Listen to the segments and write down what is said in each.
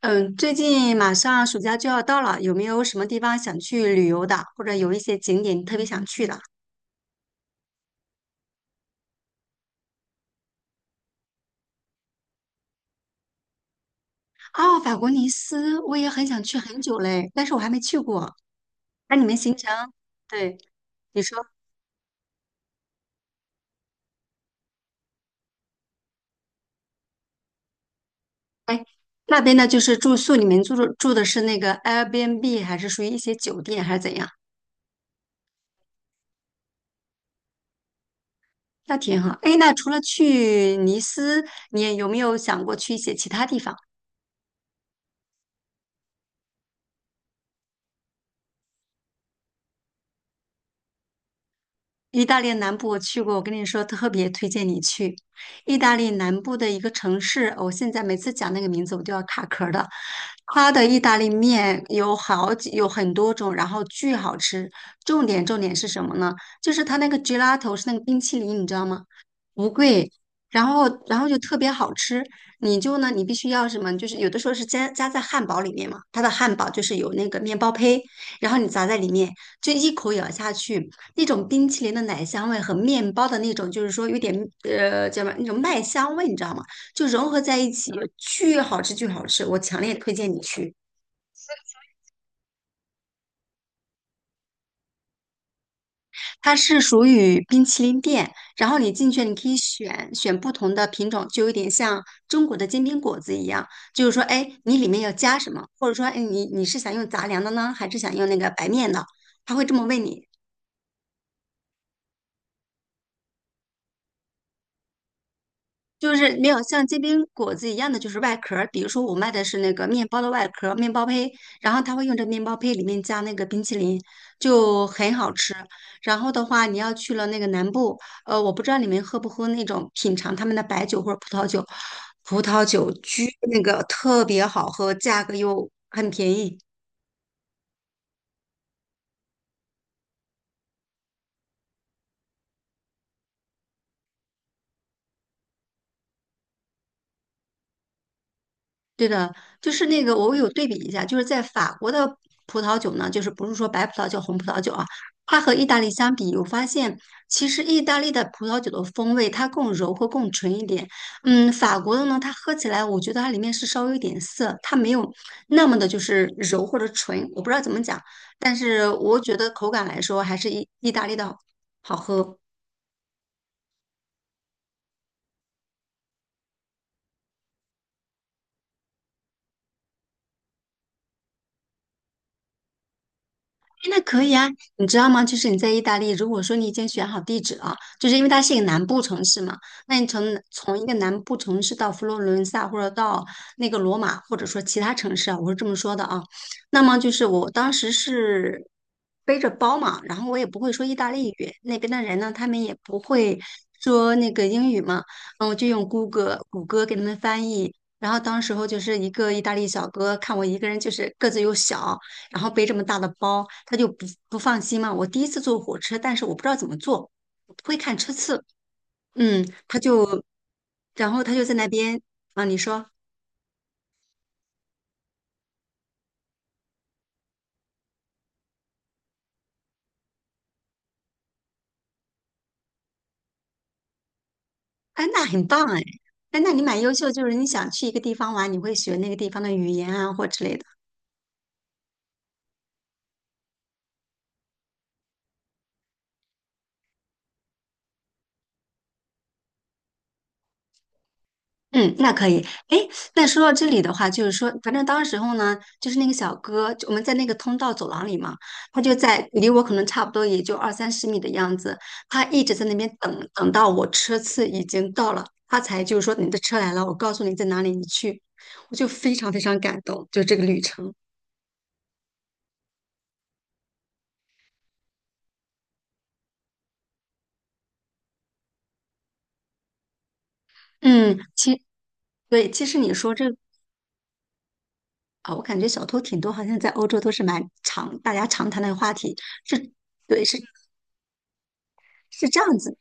嗯，最近马上暑假就要到了，有没有什么地方想去旅游的，或者有一些景点特别想去的？哦，法国尼斯，我也很想去很久嘞，但是我还没去过。那你们行程，对，你说那边呢，就是住宿，你们住的是那个 Airbnb，还是属于一些酒店，还是怎样？那挺好。哎，那除了去尼斯，你有没有想过去一些其他地方？意大利南部我去过，我跟你说，特别推荐你去意大利南部的一个城市。我现在每次讲那个名字，我都要卡壳儿的。它的意大利面有好几，有很多种，然后巨好吃。重点是什么呢？就是它那个 gelato 是那个冰淇淋，你知道吗？不贵，然后就特别好吃。你就呢，你必须要什么？就是有的时候是加在汉堡里面嘛，它的汉堡就是有那个面包胚，然后你砸在里面，就一口咬下去，那种冰淇淋的奶香味和面包的那种，就是说有点叫什么那种麦香味，你知道吗？就融合在一起，巨好吃，巨好吃！我强烈推荐你去。它是属于冰淇淋店，然后你进去，你可以选不同的品种，就有点像中国的煎饼果子一样，就是说，哎，你里面要加什么，或者说，哎，你是想用杂粮的呢，还是想用那个白面的？他会这么问你，就是没有像煎饼果子一样的，就是外壳儿。比如说，我卖的是那个面包的外壳儿，面包胚，然后他会用这面包胚里面加那个冰淇淋，就很好吃。然后的话，你要去了那个南部，我不知道你们喝不喝那种品尝他们的白酒或者葡萄酒，葡萄酒巨那个特别好喝，价格又很便宜。对的，就是那个，我有对比一下，就是在法国的葡萄酒呢，就是不是说白葡萄酒、红葡萄酒啊，它和意大利相比，我发现其实意大利的葡萄酒的风味它更柔和、更纯一点。法国的呢，它喝起来，我觉得它里面是稍微有点涩，它没有那么的就是柔或者纯，我不知道怎么讲，但是我觉得口感来说，还是意大利的好喝。那可以啊，你知道吗？就是你在意大利，如果说你已经选好地址了，就是因为它是一个南部城市嘛，那你从一个南部城市到佛罗伦萨，或者到那个罗马，或者说其他城市啊，我是这么说的啊。那么就是我当时是背着包嘛，然后我也不会说意大利语，那边的人呢，他们也不会说那个英语嘛，我就用谷歌给他们翻译。然后当时候就是一个意大利小哥看我一个人就是个子又小。然后背这么大的包，他就不放心嘛。我第一次坐火车，但是我不知道怎么坐，我不会看车次。嗯，他就，然后他就在那边啊，你说，哎，那很棒哎，哎，那你蛮优秀，就是你想去一个地方玩，你会学那个地方的语言啊或之类的。嗯，那可以。哎，那说到这里的话，就是说，反正当时候呢，就是那个小哥，就我们在那个通道走廊里嘛，他就在离我可能差不多也就二三十米的样子，他一直在那边等，等到我车次已经到了，他才就是说你的车来了，我告诉你在哪里，你去。我就非常非常感动，就这个旅程。嗯，其对，其实你说这啊，我感觉小偷挺多，好像在欧洲都是蛮常大家常谈的话题，是，对，是这样子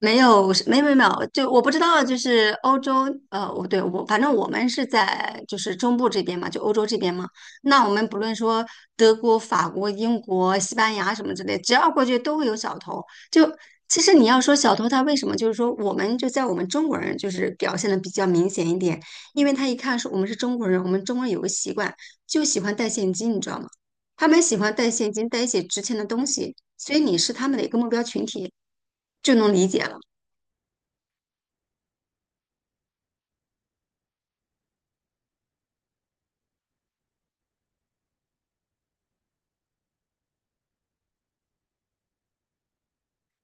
没有，没有没有没有，就我不知道，就是欧洲，我反正我们是在就是中部这边嘛，就欧洲这边嘛。那我们不论说德国、法国、英国、西班牙什么之类，只要过去都会有小偷。就其实你要说小偷他为什么，就是说我们就在我们中国人就是表现的比较明显一点，因为他一看是我们是中国人，我们中国人有个习惯，就喜欢带现金，你知道吗？他们喜欢带现金，带一些值钱的东西，所以你是他们的一个目标群体，就能理解了。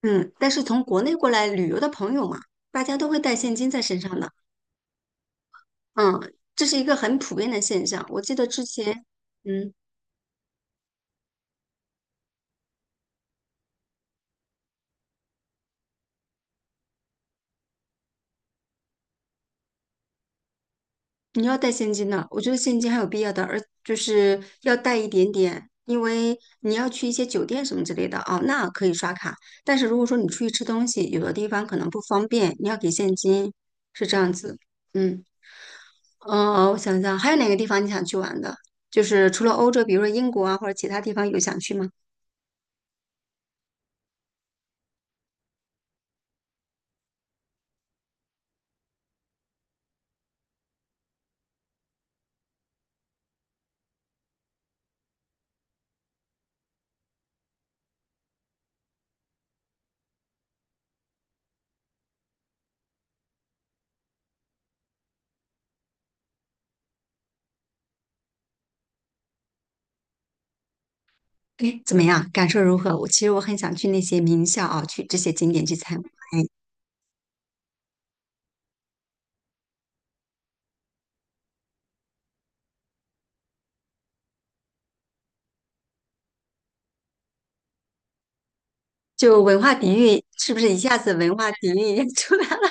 嗯，但是从国内过来旅游的朋友嘛，大家都会带现金在身上的，嗯，这是一个很普遍的现象。我记得之前，嗯，你要带现金的，我觉得现金还有必要的，而就是要带一点点，因为你要去一些酒店什么之类的啊，那可以刷卡。但是如果说你出去吃东西，有的地方可能不方便，你要给现金，是这样子。嗯，我想想，还有哪个地方你想去玩的？就是除了欧洲，比如说英国啊，或者其他地方有想去吗？哎，怎么样？感受如何？我其实很想去那些名校啊，去这些景点去参观。就文化底蕴是不是一下子文化底蕴也 出来了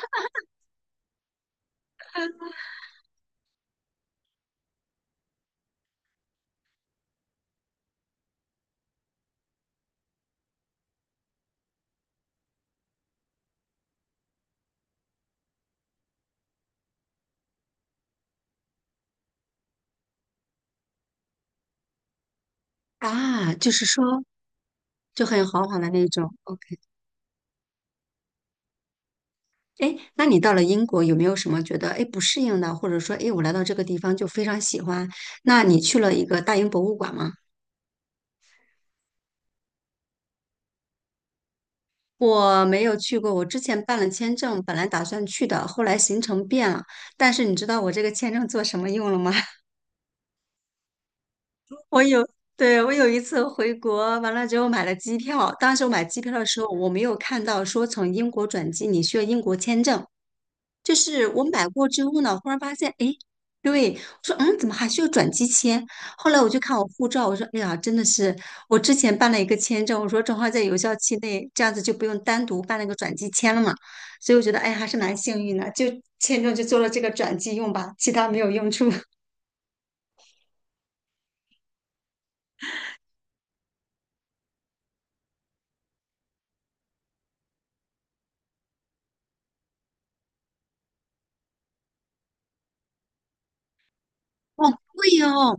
啊？就是说就很豪华的那种。OK，哎，诶那你到了英国有没有什么觉得哎不适应的，或者说哎我来到这个地方就非常喜欢？那你去了一个大英博物馆吗？我没有去过，我之前办了签证，本来打算去的，后来行程变了。但是你知道我这个签证做什么用了吗？我有，对，我有一次回国，完了之后买了机票。当时我买机票的时候，我没有看到说从英国转机你需要英国签证。就是我买过之后呢，忽然发现，诶，对，我说，怎么还需要转机签？后来我就看我护照，我说，哎呀，真的是，我之前办了一个签证，我说正好在有效期内，这样子就不用单独办那个转机签了嘛。所以我觉得，哎，还是蛮幸运的，就签证就做了这个转机用吧，其他没有用处。哦，对哦，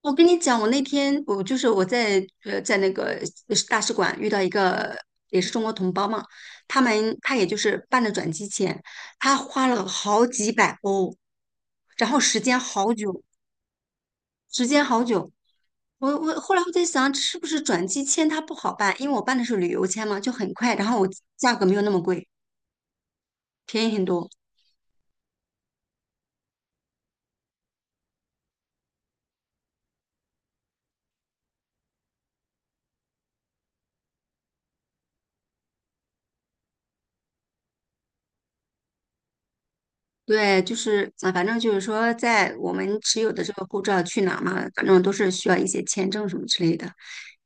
我跟你讲，我那天我就是我在呃在那个大使馆遇到一个也是中国同胞嘛，他也就是办的转机签，他花了好几百欧，然后时间好久，时间好久。我后来我在想，是不是转机签它不好办？因为我办的是旅游签嘛，就很快，然后我价格没有那么贵，便宜很多。对，就是啊，反正就是说，在我们持有的这个护照去哪儿嘛，反正都是需要一些签证什么之类的。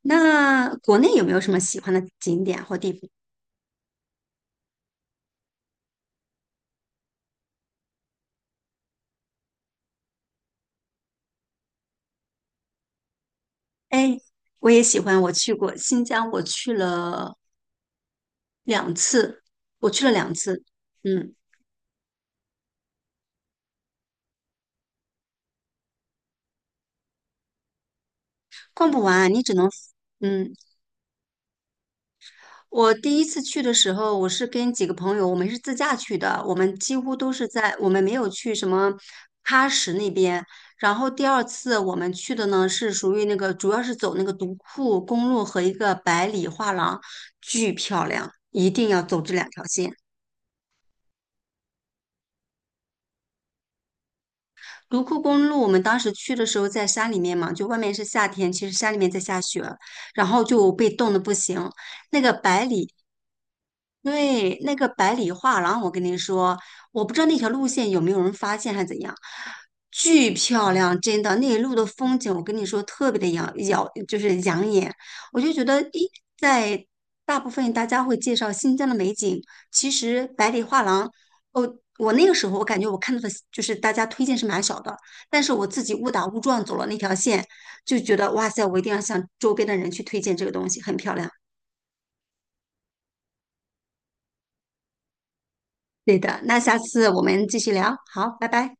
那国内有没有什么喜欢的景点或地方？哎，我也喜欢，我去过新疆，我去了两次，我去了两次，嗯，逛不完，你只能，嗯，我第一次去的时候，我是跟几个朋友，我们是自驾去的，我们几乎都是在，我们没有去什么喀什那边。然后第二次我们去的呢，是属于那个，主要是走那个独库公路和一个百里画廊，巨漂亮，一定要走这两条线。独库公路，我们当时去的时候在山里面嘛，就外面是夏天，其实山里面在下雪，然后就被冻得不行。那个百里，对，那个百里画廊，我跟你说，我不知道那条路线有没有人发现还是怎样，巨漂亮，真的，那一路的风景，我跟你说特别的，就是养眼。我就觉得，在大部分大家会介绍新疆的美景，其实百里画廊哦，我那个时候我感觉我看到的就是大家推荐是蛮少的，但是我自己误打误撞走了那条线，就觉得哇塞，我一定要向周边的人去推荐这个东西，很漂亮。对的，那下次我们继续聊，好，拜拜。